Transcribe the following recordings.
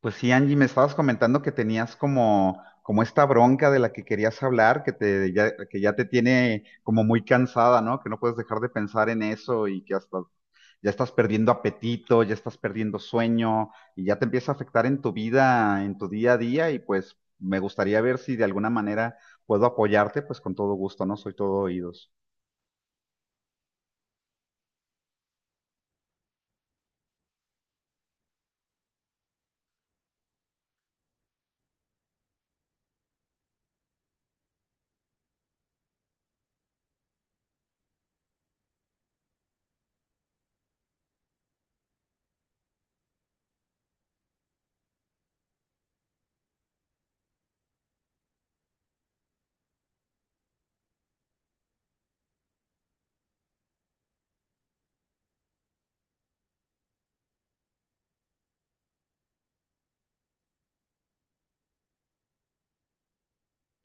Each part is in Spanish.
Pues sí, Angie, me estabas comentando que tenías como esta bronca de la que querías hablar, que ya te tiene como muy cansada, ¿no? Que no puedes dejar de pensar en eso y que hasta ya estás perdiendo apetito, ya estás perdiendo sueño y ya te empieza a afectar en tu vida, en tu día a día y pues me gustaría ver si de alguna manera puedo apoyarte, pues con todo gusto, ¿no? Soy todo oídos.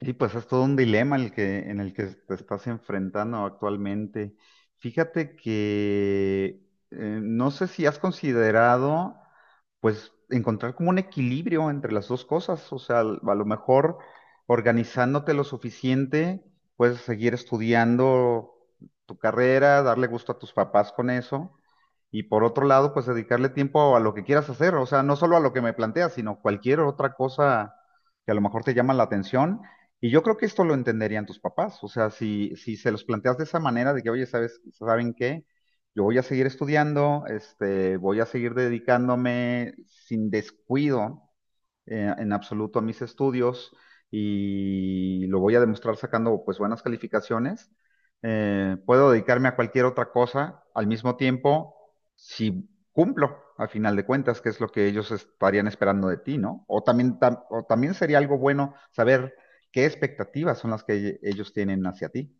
Y pues es todo un dilema en el que te estás enfrentando actualmente. Fíjate que no sé si has considerado, pues, encontrar como un equilibrio entre las dos cosas. O sea, a lo mejor organizándote lo suficiente, puedes seguir estudiando tu carrera, darle gusto a tus papás con eso. Y por otro lado, pues dedicarle tiempo a lo que quieras hacer, o sea, no solo a lo que me planteas, sino cualquier otra cosa que a lo mejor te llama la atención y yo creo que esto lo entenderían tus papás. O sea, si se los planteas de esa manera, de que, oye, ¿saben qué? Yo voy a seguir estudiando, este, voy a seguir dedicándome sin descuido en absoluto a mis estudios y lo voy a demostrar sacando pues buenas calificaciones. Puedo dedicarme a cualquier otra cosa al mismo tiempo si cumplo, al final de cuentas, que es lo que ellos estarían esperando de ti, ¿no? O también, o también sería algo bueno saber qué expectativas son las que ellos tienen hacia ti.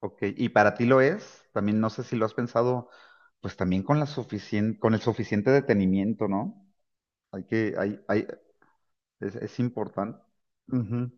Ok, y para ti lo es, también no sé si lo has pensado, pues también con la con el suficiente detenimiento, ¿no? Hay que, hay, es importante. Ujú.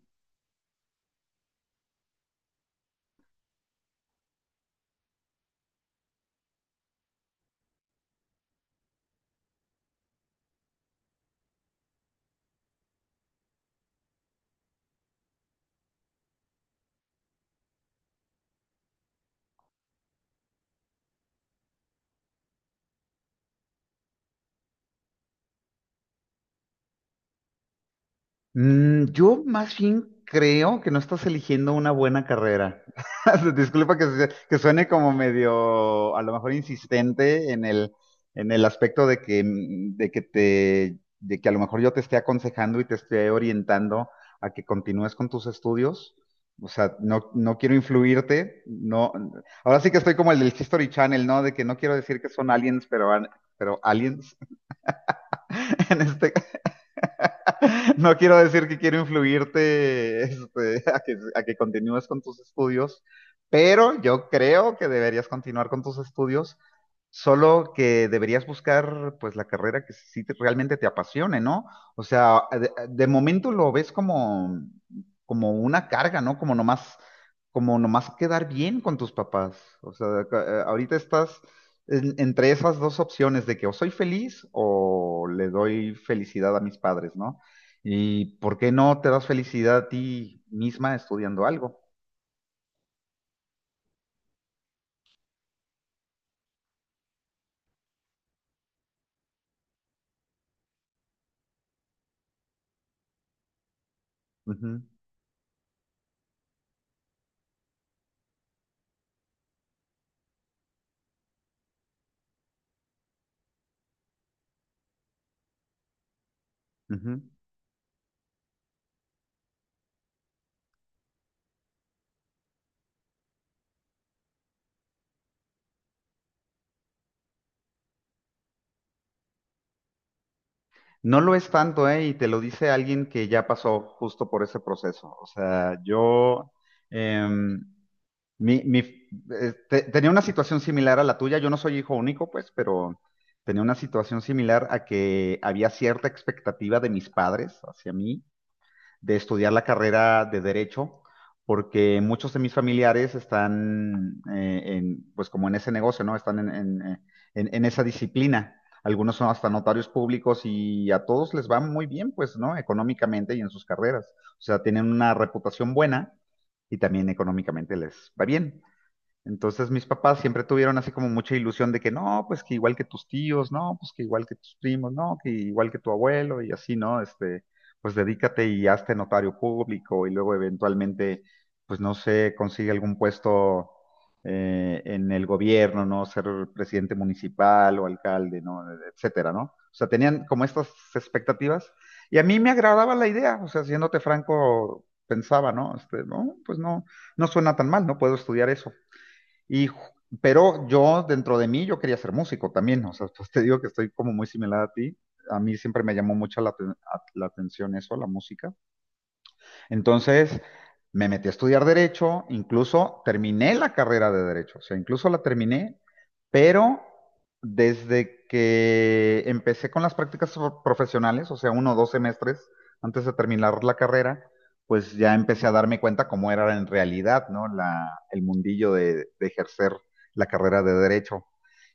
Mm, yo más bien creo que no estás eligiendo una buena carrera. Disculpa que suene como medio, a lo mejor insistente en el aspecto de que, de que a lo mejor yo te esté aconsejando y te esté orientando a que continúes con tus estudios. O sea, no, no quiero influirte, no. Ahora sí que estoy como el del History Channel, ¿no? De que no quiero decir que son aliens, pero, pero aliens en este, no quiero decir que quiero influirte este, a que continúes con tus estudios, pero yo creo que deberías continuar con tus estudios, solo que deberías buscar pues la carrera que realmente te apasione, ¿no? O sea, de momento lo ves como, como una carga, ¿no? Como nomás quedar bien con tus papás. O sea, ahorita estás entre esas dos opciones de que o soy feliz o le doy felicidad a mis padres, ¿no? ¿Y por qué no te das felicidad a ti misma estudiando algo? Ujú, ujú. No lo es tanto, ¿eh? Y te lo dice alguien que ya pasó justo por ese proceso. O sea, yo em, tenía una situación similar a la tuya. Yo no soy hijo único, pues, pero tenía una situación similar a que había cierta expectativa de mis padres hacia mí de estudiar la carrera de derecho, porque muchos de mis familiares están, en, pues como en ese negocio, ¿no? Están en en esa disciplina. Algunos son hasta notarios públicos y a todos les va muy bien, pues, ¿no? Económicamente y en sus carreras. O sea, tienen una reputación buena y también económicamente les va bien. Entonces mis papás siempre tuvieron así como mucha ilusión de que no, pues que igual que tus tíos, no, pues que igual que tus primos, no, que igual que tu abuelo y así, ¿no? Este, pues dedícate y hazte notario público y luego eventualmente, pues no sé, consigue algún puesto en el gobierno, ¿no? Ser presidente municipal o alcalde, ¿no? Etcétera, ¿no? O sea, tenían como estas expectativas y a mí me agradaba la idea, o sea, siéndote franco, pensaba, ¿no? Este, no, pues no, no suena tan mal, no puedo estudiar eso y, pero yo, dentro de mí, yo quería ser músico también, o sea, pues te digo que estoy como muy similar a ti. A mí siempre me llamó mucho la atención eso, la música. Entonces, me metí a estudiar derecho, incluso terminé la carrera de derecho, o sea, incluso la terminé, pero desde que empecé con las prácticas profesionales, o sea, uno o dos semestres antes de terminar la carrera, pues ya empecé a darme cuenta cómo era en realidad, ¿no? El mundillo de ejercer la carrera de derecho.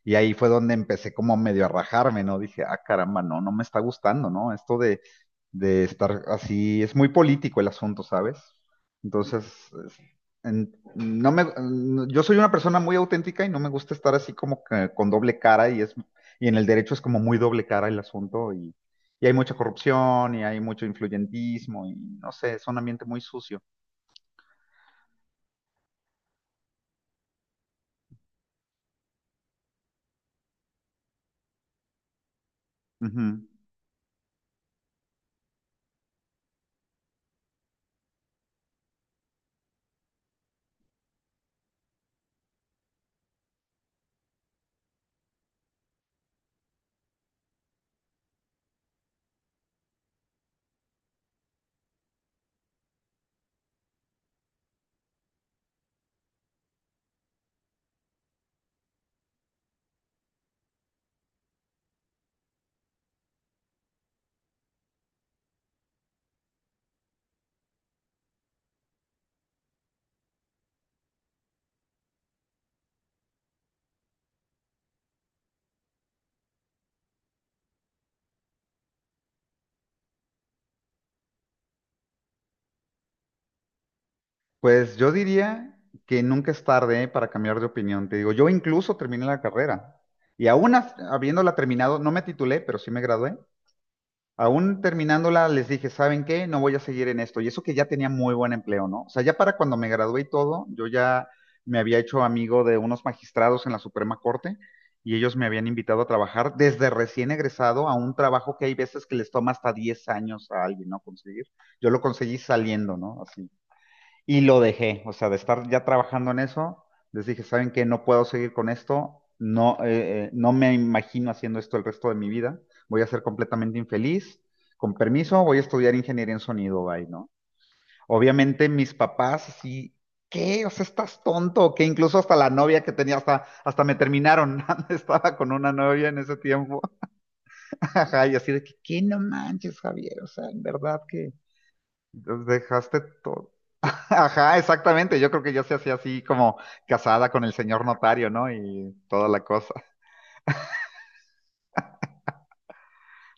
Y ahí fue donde empecé como medio a rajarme, ¿no? Dije, ah, caramba, no, no me está gustando, ¿no? Esto de estar así, es muy político el asunto, ¿sabes? Entonces, es- no me, yo soy una persona muy auténtica y no me gusta estar así como que con doble cara y es, y en el derecho es como muy doble cara el asunto y hay mucha corrupción y hay mucho influyentismo y no sé, es un ambiente muy sucio. Ujú. Pues yo diría que nunca es tarde para cambiar de opinión. Te digo, yo incluso terminé la carrera y aún habiéndola terminado, no me titulé, pero sí me gradué. Aún terminándola, les dije, ¿saben qué? No voy a seguir en esto. Y eso que ya tenía muy buen empleo, ¿no? O sea, ya para cuando me gradué y todo, yo ya me había hecho amigo de unos magistrados en la Suprema Corte y ellos me habían invitado a trabajar desde recién egresado a un trabajo que hay veces que les toma hasta 10 años a alguien, ¿no? Conseguir. Yo lo conseguí saliendo, ¿no? Así. Y lo dejé, o sea, de estar ya trabajando en eso, les dije, ¿saben qué? No puedo seguir con esto, no, no me imagino haciendo esto el resto de mi vida, voy a ser completamente infeliz, con permiso, voy a estudiar ingeniería en sonido, bye, ¿no? Obviamente mis papás así, ¿qué? O sea, estás tonto, que incluso hasta la novia que tenía, hasta me terminaron, estaba con una novia en ese tiempo, ajá, y así de que, ¿qué no manches, Javier? O sea, en verdad que dejaste todo. Ajá, exactamente. Yo creo que yo se hacía así como casada con el señor notario, ¿no? Y toda la cosa.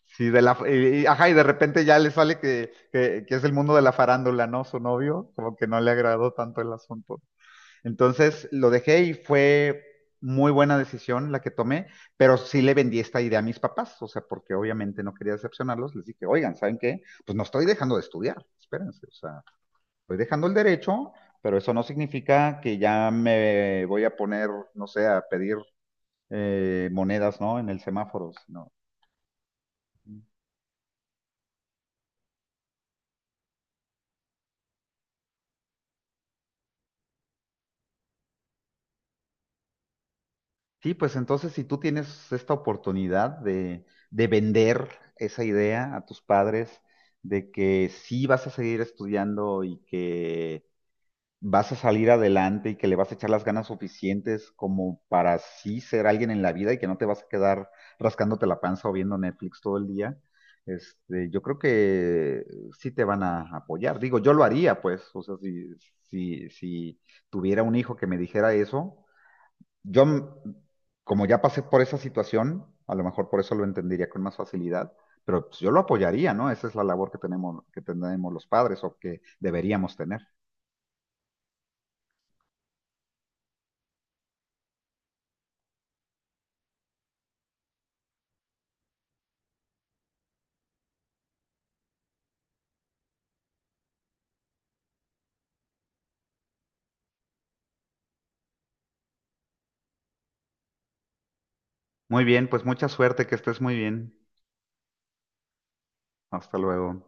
Sí, de la, y- ajá, y de repente ya le sale que es el mundo de la farándula, ¿no? Su novio, como que no le agradó tanto el asunto. Entonces lo dejé y fue muy buena decisión la que tomé, pero sí le vendí esta idea a mis papás, o sea, porque obviamente no quería decepcionarlos. Les dije, oigan, ¿saben qué? Pues no estoy dejando de estudiar, espérense, o sea. Estoy dejando el derecho, pero eso no significa que ya me voy a poner, no sé, a pedir monedas, ¿no? En el semáforo. No. Sí, pues entonces si tú tienes esta oportunidad de vender esa idea a tus padres de que sí vas a seguir estudiando y que vas a salir adelante y que le vas a echar las ganas suficientes como para sí ser alguien en la vida y que no te vas a quedar rascándote la panza o viendo Netflix todo el día, este, yo creo que sí te van a apoyar. Digo, yo lo haría, pues, o sea, si tuviera un hijo que me dijera eso, yo, como ya pasé por esa situación, a lo mejor por eso lo entendería con más facilidad. Pero pues, yo lo apoyaría, ¿no? Esa es la labor que tenemos los padres o que deberíamos tener. Muy bien, pues mucha suerte, que estés muy bien. Hasta luego.